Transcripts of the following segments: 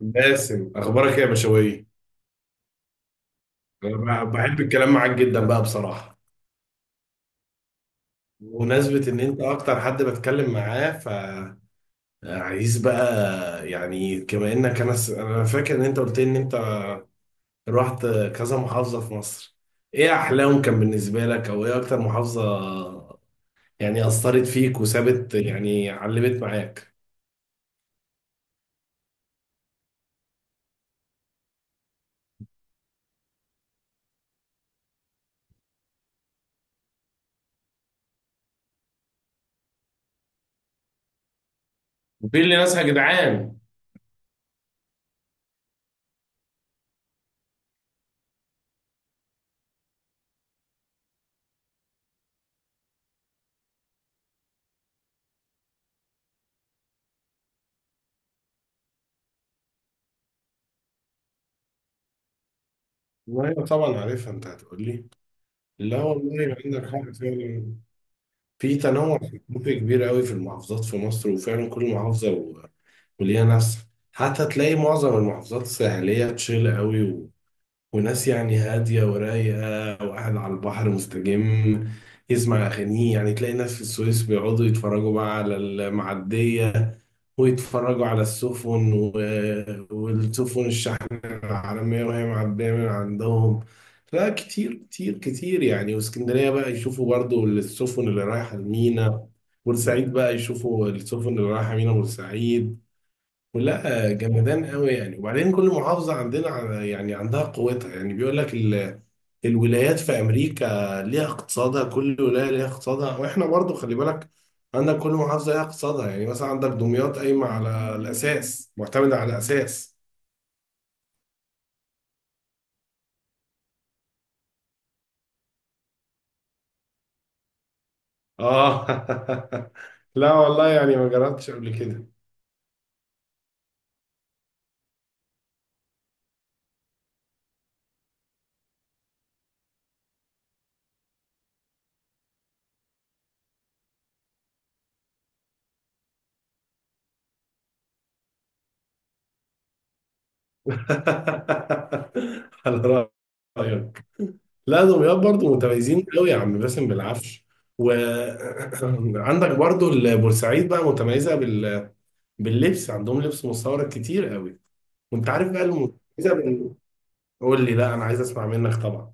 باسم، اخبارك إيه يا بشوي؟ انا بحب الكلام معاك جدا بقى بصراحه. بمناسبه ان انت اكتر حد بتكلم معاه، فعايز بقى يعني كما انك انا فاكر ان انت قلت لي ان انت رحت كذا محافظه في مصر. ايه احلاهم كان بالنسبه لك، او ايه اكتر محافظه يعني اثرت فيك وسابت يعني علمت معاك؟ بتقول لي ناسها يا جدعان. ايوه طبعا عارفها، انت هتقول لي. لا والله، عندك حق فعلا. في تنوع ثقافي كبير قوي في المحافظات في مصر، وفعلا كل محافظة وليها نفسها. حتى تلاقي معظم المحافظات الساحلية تشيل قوي. وناس يعني هادية ورايقة، وقاعد على البحر مستجم يسمع أغانيه. يعني تلاقي ناس في السويس بيقعدوا يتفرجوا بقى على المعدية، ويتفرجوا على السفن والسفن الشحن العالمية وهي معدية من عندهم. لا كتير كتير كتير يعني. واسكندرية بقى يشوفوا برضو السفن اللي رايحة المينا. بورسعيد بقى يشوفوا السفن اللي رايحة مينا بورسعيد. لا جمدان قوي يعني. وبعدين كل محافظة عندنا يعني عندها قوتها. يعني بيقول لك الولايات في أمريكا ليها اقتصادها، كل ولاية ليها اقتصادها، وإحنا برضو خلي بالك، عندك كل محافظة ليها اقتصادها. يعني مثلا عندك دمياط قايمة على الأساس معتمدة على الأساس. آه لا والله يعني ما جربتش قبل كده. على رأيك. لا دمياط برضه متميزين قوي يا عم باسم بالعفش. وعندك برضه البورسعيد بقى متميزة باللبس. عندهم لبس مستورد كتير قوي. وانت عارف بقى المتميزة بال... قول لي، لا انا عايز اسمع منك طبعا.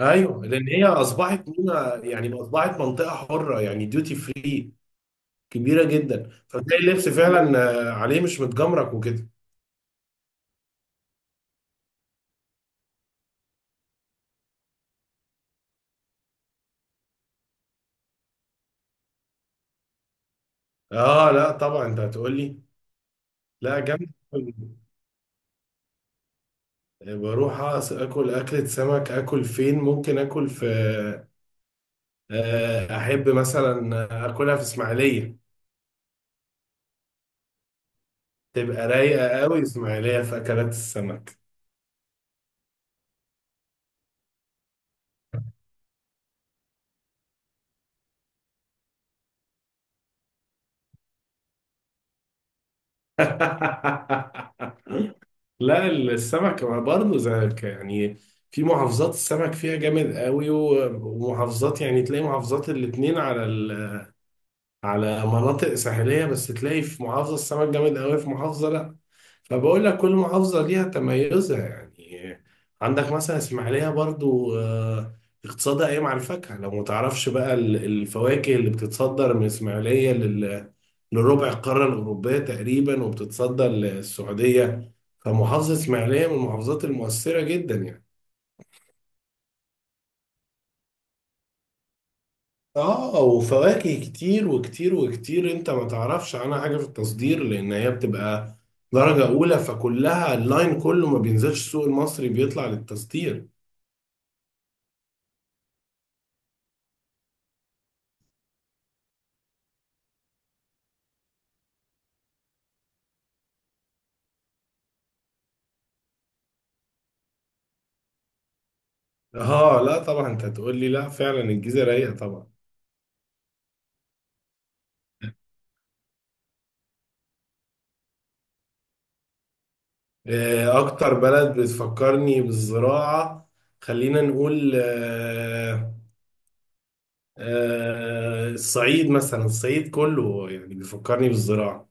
ايوه لان هي اصبحت هنا يعني اصبحت منطقة حرة يعني ديوتي فري كبيرة جدا. فتلاقي اللبس فعلا عليه مش متجمرك وكده. اه لا طبعا انت هتقول لي. لا جامد. بروح اكل اكلة سمك، اكل فين؟ ممكن اكل في احب مثلا اكلها في اسماعيليه. تبقى رايقه قوي اسماعيليه في اكلات السمك. لا السمك برضه زيك يعني. في محافظات السمك فيها جامد قوي ومحافظات، يعني تلاقي محافظات الاتنين على على مناطق ساحليه، بس تلاقي في محافظه السمك جامد قوي، في محافظه لا. فبقول لك كل محافظة ليها تميزها يعني. عندك مثلا اسماعيلية برضو اقتصادها قايم على الفاكهة. لو متعرفش بقى الفواكه اللي بتتصدر من اسماعيلية لربع القارة الأوروبية تقريبا، وبتتصدر للسعودية. فمحافظة اسماعيلية من المحافظات المؤثرة جدا يعني. اه، وفواكه كتير وكتير وكتير. انت ما تعرفش عنها حاجة في التصدير، لأن هي بتبقى درجة أولى، فكلها اللاين كله ما بينزلش السوق المصري، بيطلع للتصدير. اه لا طبعا انت هتقول لي. لا فعلا الجيزه رايقه طبعا. اكتر بلد بتفكرني بالزراعه. خلينا نقول الصعيد مثلا. الصعيد كله يعني بيفكرني بالزراعه.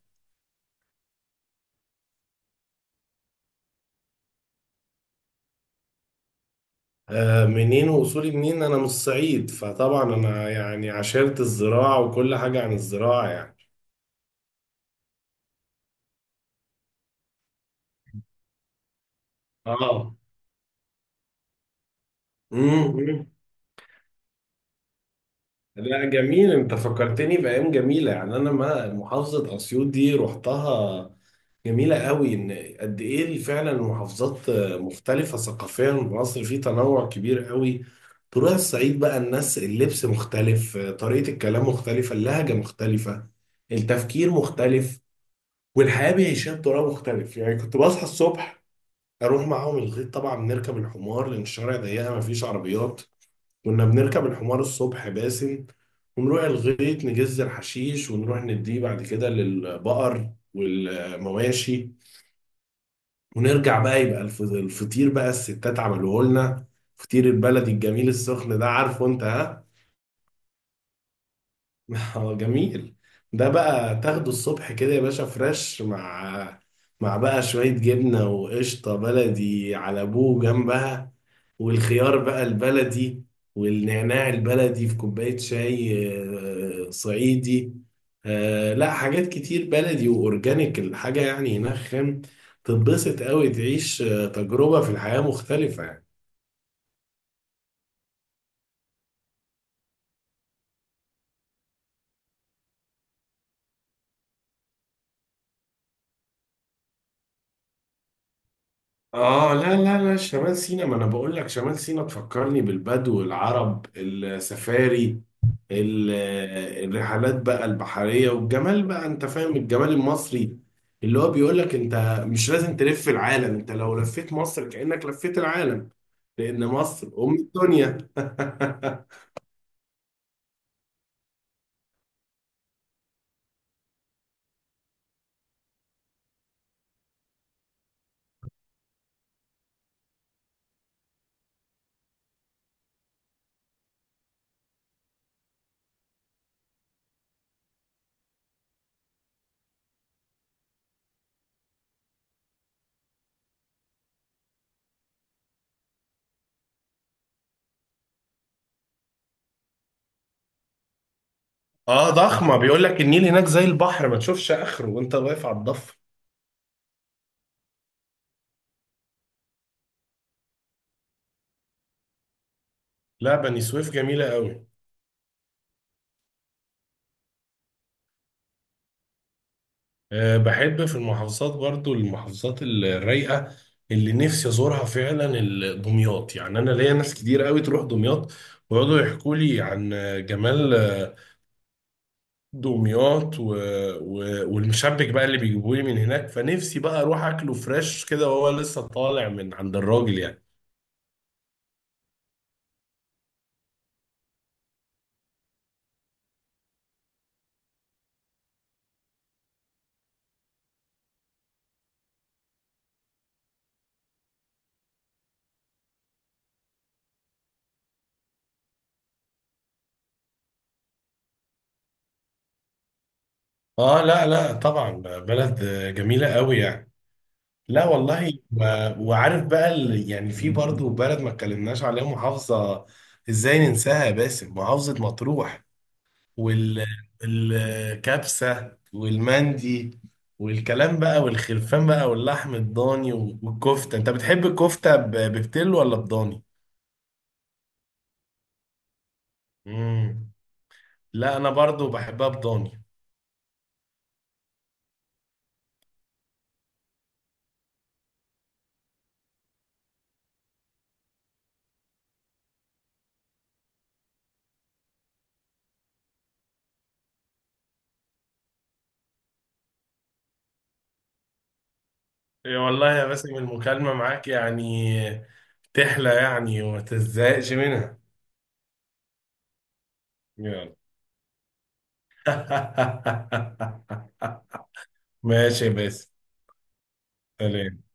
منين واصولي منين؟ انا من الصعيد، فطبعا انا يعني عشرت الزراعه وكل حاجه عن الزراعه يعني. اه. امم لا جميل، انت فكرتني بايام جميله يعني. انا ما محافظه اسيوط دي رحتها. جميله قوي، ان قد ايه فعلا المحافظات مختلفه ثقافيا. مصر في تنوع كبير قوي. تروح الصعيد بقى، الناس اللبس مختلف، طريقه الكلام مختلفه، اللهجه مختلفه، التفكير مختلف، والحياه بيعيشها بطريقه مختلف. يعني كنت بصحى الصبح اروح معاهم الغيط. طبعا بنركب الحمار لان الشارع ضيقه مفيش عربيات. كنا بنركب الحمار الصبح باسم، ونروح الغيط نجز الحشيش ونروح نديه بعد كده للبقر والمواشي، ونرجع بقى يبقى الفطير بقى الستات عملوه لنا. فطير البلدي الجميل السخن ده، عارفه انت؟ ها. جميل. ده بقى تاخده الصبح كده يا باشا فريش مع بقى شوية جبنة وقشطة بلدي على ابوه جنبها، والخيار بقى البلدي، والنعناع البلدي في كوباية شاي صعيدي. لا حاجات كتير بلدي وأورجانيك. الحاجة يعني هناك خام، تتبسط قوي. تعيش تجربة في الحياة مختلفة يعني. اه لا لا لا، شمال سيناء، ما انا بقول لك شمال سيناء تفكرني بالبدو العرب السفاري. ال- الرحلات بقى البحرية والجمال بقى. انت فاهم الجمال المصري اللي هو بيقول لك انت مش لازم تلف العالم، انت لو لفيت مصر كأنك لفيت العالم، لأن مصر أم الدنيا. اه ضخمة، بيقول لك النيل هناك زي البحر، ما تشوفش آخره وانت واقف على الضفة. لا بني سويف جميلة قوي. أه، بحب في المحافظات برضو المحافظات الرايقة اللي نفسي أزورها فعلا. دمياط يعني، أنا ليا ناس كتير قوي تروح دمياط، ويقعدوا يحكوا لي عن جمال دمياط و... والمشبك بقى اللي بيجيبوه لي من هناك. فنفسي بقى أروح أكله فريش كده وهو لسه طالع من عند الراجل يعني. آه لا لا طبعا. بلد جميلة قوي يعني. لا والله، وعارف بقى يعني في برضه بلد ما اتكلمناش عليها، محافظة ازاي ننساها يا باسم؟ محافظة مطروح، والكبسة والمندي، والكلام بقى والخرفان بقى واللحم الضاني والكفتة. انت بتحب الكفتة بفتلو ولا بضاني؟ مم. لا، انا برضو بحبها بضاني. يا والله يا باسم، المكالمة معاك يعني تحلى يعني وما تزهقش منها. يلا. ماشي يا باسم. سلام.